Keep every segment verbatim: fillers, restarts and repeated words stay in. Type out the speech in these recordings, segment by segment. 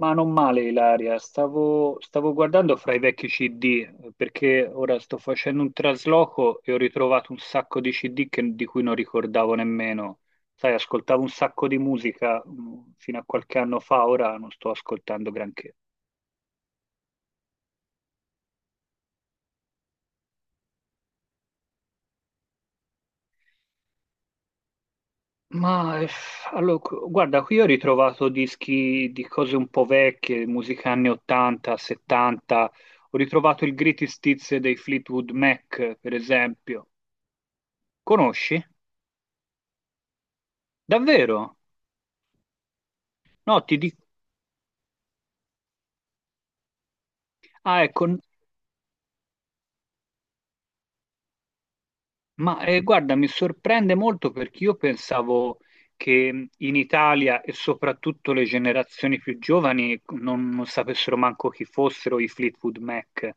Ma non male, Ilaria. Stavo, stavo guardando fra i vecchi C D eh, perché ora sto facendo un trasloco e ho ritrovato un sacco di C D che- di cui non ricordavo nemmeno. Sai, ascoltavo un sacco di musica mh, fino a qualche anno fa, ora non sto ascoltando granché. Ma eh, allora, qu- guarda, qui ho ritrovato dischi di cose un po' vecchie, musica anni ottanta, settanta. Ho ritrovato il Greatest Hits dei Fleetwood Mac, per esempio. Conosci? Davvero? No, ti dico, ah, ecco, n- ma eh, guarda, mi sorprende molto perché io pensavo che mh, in Italia e soprattutto le generazioni più giovani non, non sapessero manco chi fossero i Fleetwood Mac.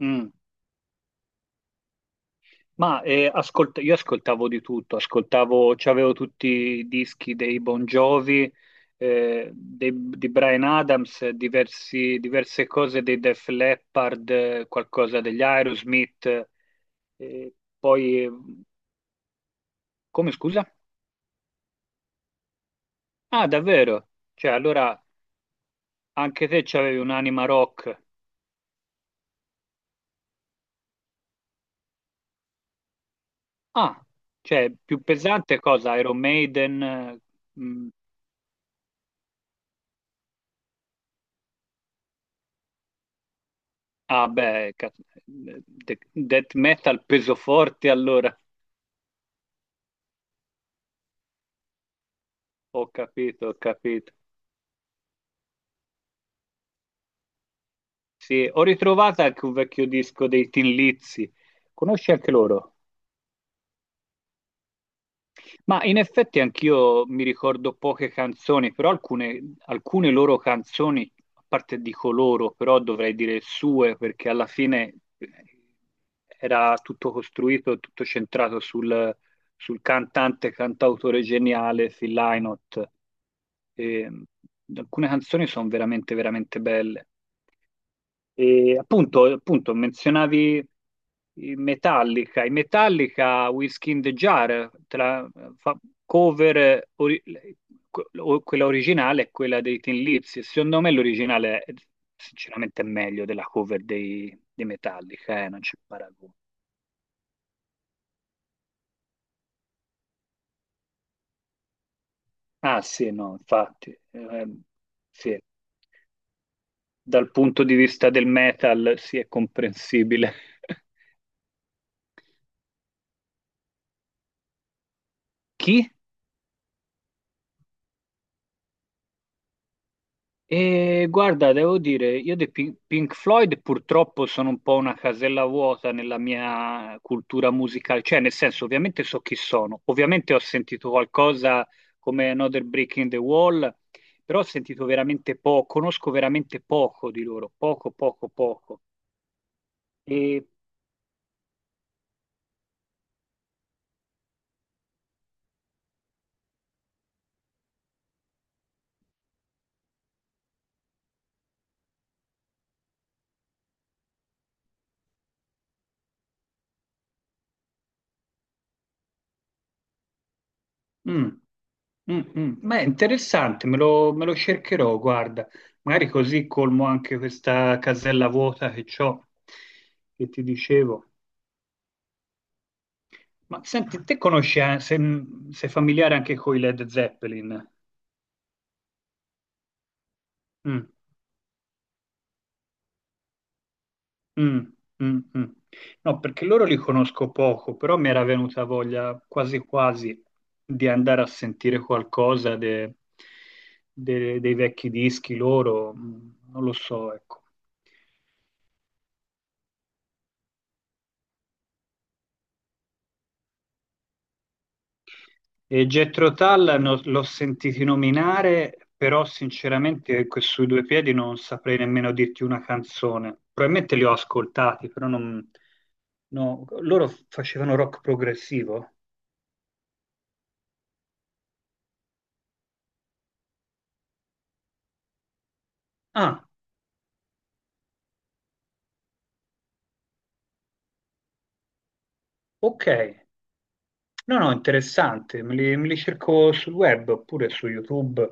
Mm. Ma eh, ascolt- io ascoltavo di tutto, ascoltavo, c'avevo tutti i dischi dei Bon Jovi, eh, dei- di Brian Adams, diversi- diverse cose dei Def Leppard, eh, qualcosa degli Aerosmith, eh, poi. Come scusa? Ah, davvero? Cioè, allora anche te c'avevi un'anima rock. Ah, cioè, più pesante cosa? Iron Maiden? eh, mm, ah, beh, cazzo, eh, de- death metal peso forte allora. Ho capito, ho capito. Sì, ho ritrovato anche un vecchio disco dei Tin Lizzy. Conosci anche loro? Ma in effetti anch'io mi ricordo poche canzoni, però alcune, alcune loro canzoni, a parte dico loro, però dovrei dire sue, perché alla fine eh, era tutto costruito, tutto centrato sul, sul cantante, cantautore geniale Phil Lynott. E alcune canzoni sono veramente, veramente belle. E appunto, appunto, menzionavi i Metallica. I Metallica, Whiskey in the Jar, tra, fa- cover, eh, ori- que- o- quella originale e quella dei Thin Lips. E Secondo me l'originale, è- sinceramente, è meglio della cover dei, dei Metallica, eh, non c'è paragone. Ah sì, no, infatti, ehm, sì, dal punto di vista del metal, sì, è comprensibile. Chi? E guarda, devo dire, io dei Pink Pink Floyd purtroppo sono un po' una casella vuota nella mia cultura musicale, cioè nel senso ovviamente so chi sono, ovviamente ho sentito qualcosa come Another Brick in the Wall, però ho sentito veramente poco, conosco veramente poco di loro, poco, poco, poco. E, mm, mm, mm. Beh, interessante, me lo, me lo cercherò, guarda, magari così colmo anche questa casella vuota che ho, che ti dicevo. Ma senti, te conosci, eh, se- sei familiare anche con i Led Zeppelin? Mm, mm, mm, mm. No, perché loro li conosco poco, però mi era venuta voglia quasi quasi di andare a sentire qualcosa de- de- dei vecchi dischi loro, mm, non lo so, ecco. E Jethro Tull no- l'ho sentito nominare, però sinceramente que- sui due piedi non saprei nemmeno dirti una canzone. Probabilmente li ho ascoltati, però non. No, loro facevano rock progressivo? Ah, ok. No, no, interessante, me li, me li cerco sul web oppure su YouTube,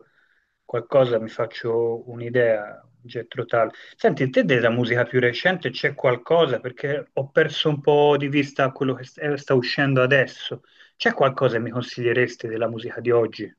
qualcosa mi faccio un'idea, un getto tale. Senti, te della musica più recente c'è qualcosa? Perché ho perso un po' di vista quello che st- eh, sta uscendo adesso. C'è qualcosa che mi consiglieresti della musica di oggi?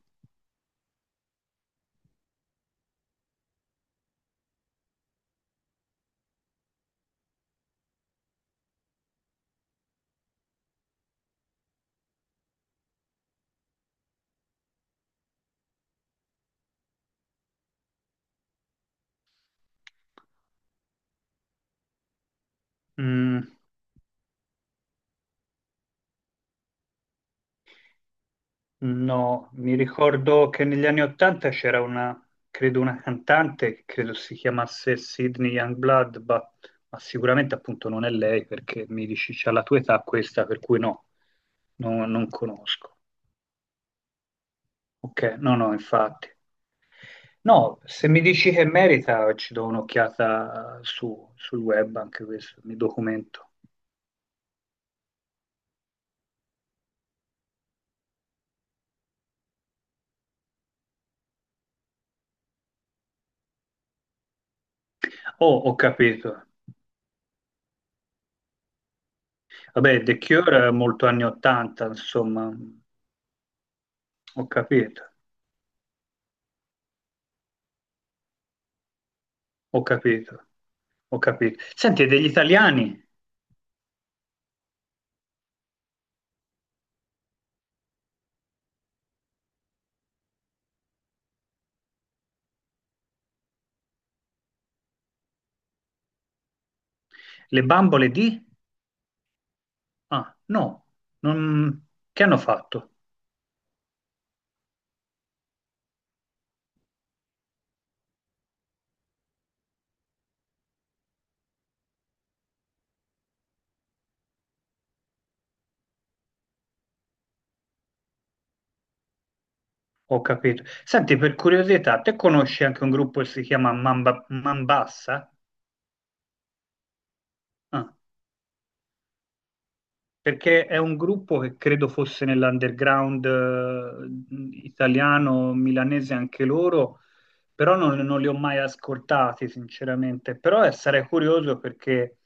No, mi ricordo che negli anni Ottanta c'era una, credo una cantante, che credo si chiamasse Sydney Youngblood, ma, ma sicuramente appunto non è lei perché mi dici c'ha la tua età questa, per cui no, no- non conosco. Ok, no, no, infatti. No, se mi dici che merita ci do un'occhiata su- sul web anche questo, mi documento. Oh, ho capito. Vabbè, The Cure è molto anni ottanta, insomma, ho capito, ho capito. Ho capito. Senti, e degli italiani, le bambole di? Ah, no, non... che hanno fatto? Ho capito. Senti, per curiosità, te conosci anche un gruppo che si chiama Mamba- Mambassa? Ah, perché è un gruppo che credo fosse nell'underground eh, italiano, milanese anche loro, però non, non li ho mai ascoltati, sinceramente. Però eh, sarei curioso perché,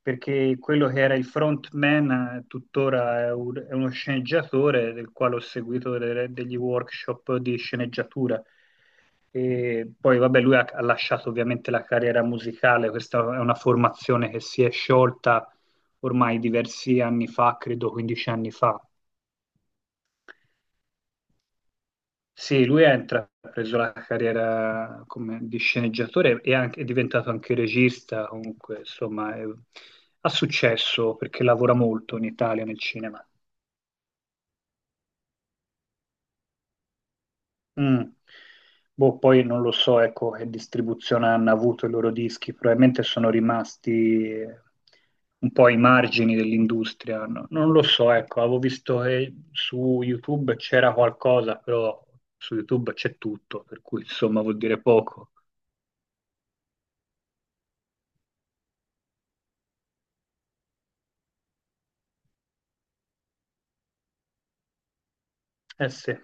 perché quello che era il frontman eh, tuttora è, un- è uno sceneggiatore del quale ho seguito delle- degli workshop di sceneggiatura. E poi, vabbè, lui ha, ha lasciato ovviamente la carriera musicale, questa è una formazione che si è sciolta ormai diversi anni fa, credo quindici anni fa. Sì, lui ha intrapreso la carriera come, di sceneggiatore e anche- è diventato anche regista, comunque, insomma, è- ha successo perché lavora molto in Italia nel cinema. Mm. Boh, poi non lo so, ecco, che distribuzione hanno avuto i loro dischi, probabilmente sono rimasti eh, un po' ai margini dell'industria, no? Non lo so, ecco, avevo visto che su YouTube c'era qualcosa, però su YouTube c'è tutto, per cui insomma vuol dire poco. Eh sì.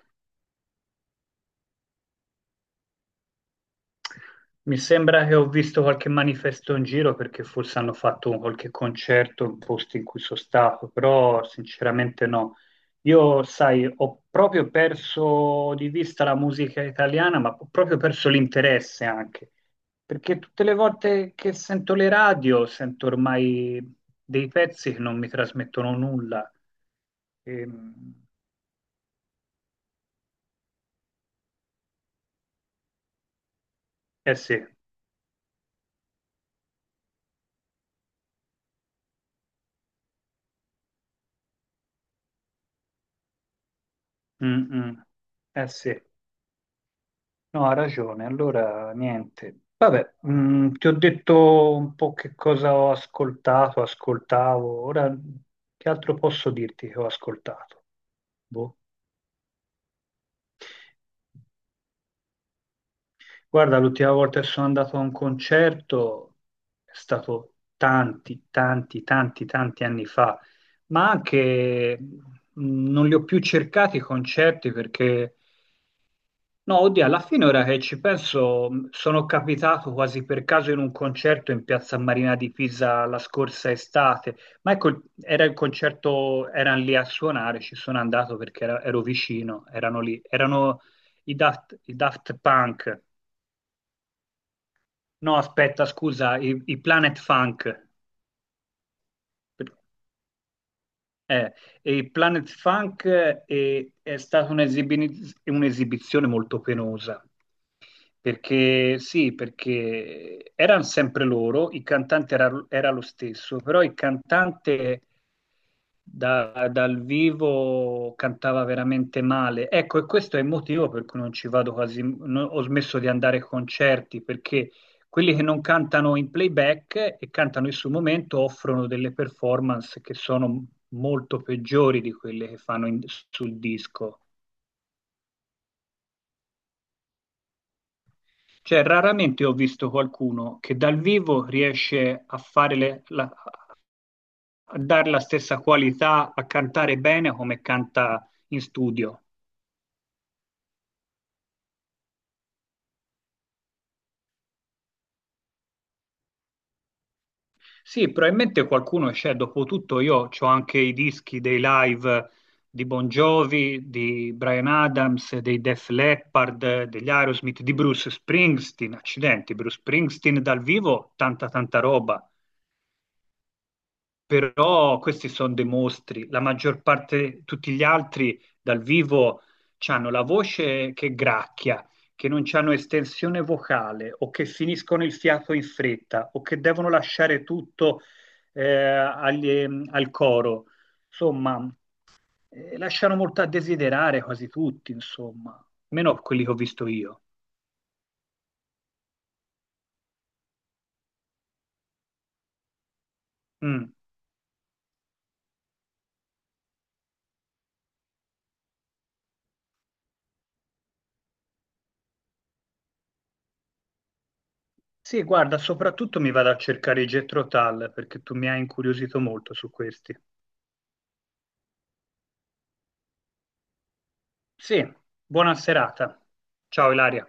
Mi sembra che ho visto qualche manifesto in giro perché forse hanno fatto un- qualche concerto in posti in cui sono stato, però sinceramente no. Io, sai, ho proprio perso di vista la musica italiana, ma ho proprio perso l'interesse anche, perché tutte le volte che sento le radio sento ormai dei pezzi che non mi trasmettono nulla. Ehm, eh sì. Mm, mm. Eh sì. No, ha ragione, allora niente. Vabbè, mh, ti ho detto un po' che cosa ho ascoltato, ascoltavo, ora che altro posso dirti che ho ascoltato? Boh. Guarda, l'ultima volta che sono andato a un concerto è stato tanti, tanti, tanti, tanti anni fa, ma anche mh, non li ho più cercati i concerti perché no, oddio, alla fine ora che ci penso, mh, sono capitato quasi per caso in un concerto in Piazza Marina di Pisa la scorsa estate, ma ecco, era il concerto, erano lì a suonare, ci sono andato perché era- ero vicino, erano lì, erano i Daft, i Daft Punk, no aspetta, scusa, i, i Planet Funk. Eh, e il Planet Funk eh, è, è stata un'esibi- un'esibizione molto penosa, perché sì, perché erano sempre loro, il cantante era, era lo stesso, però il cantante da- dal vivo cantava veramente male. Ecco, e questo è il motivo per cui non ci vado quasi, no- ho smesso di andare ai concerti, perché quelli che non cantano in playback e cantano in sul momento offrono delle performance che sono molto peggiori di quelle che fanno in- sul disco. Cioè, raramente ho visto qualcuno che dal vivo riesce a fare le- la, a dare la stessa qualità, a cantare bene come canta in studio. Sì, probabilmente qualcuno c'è, dopotutto io ho anche i dischi dei live di Bon Jovi, di Brian Adams, dei Def Leppard, degli Aerosmith, di Bruce Springsteen, accidenti, Bruce Springsteen dal vivo, tanta tanta roba. Però questi sono dei mostri, la maggior parte, tutti gli altri dal vivo hanno la voce che gracchia, che non hanno estensione vocale o che finiscono il fiato in fretta o che devono lasciare tutto eh, agli- al coro. Insomma, eh, lasciano molto a desiderare quasi tutti, insomma, meno quelli che ho visto io. Mm. Sì, guarda, soprattutto mi vado a cercare i Jethro Tull perché tu mi hai incuriosito molto su questi. Sì, buona serata. Ciao Ilaria.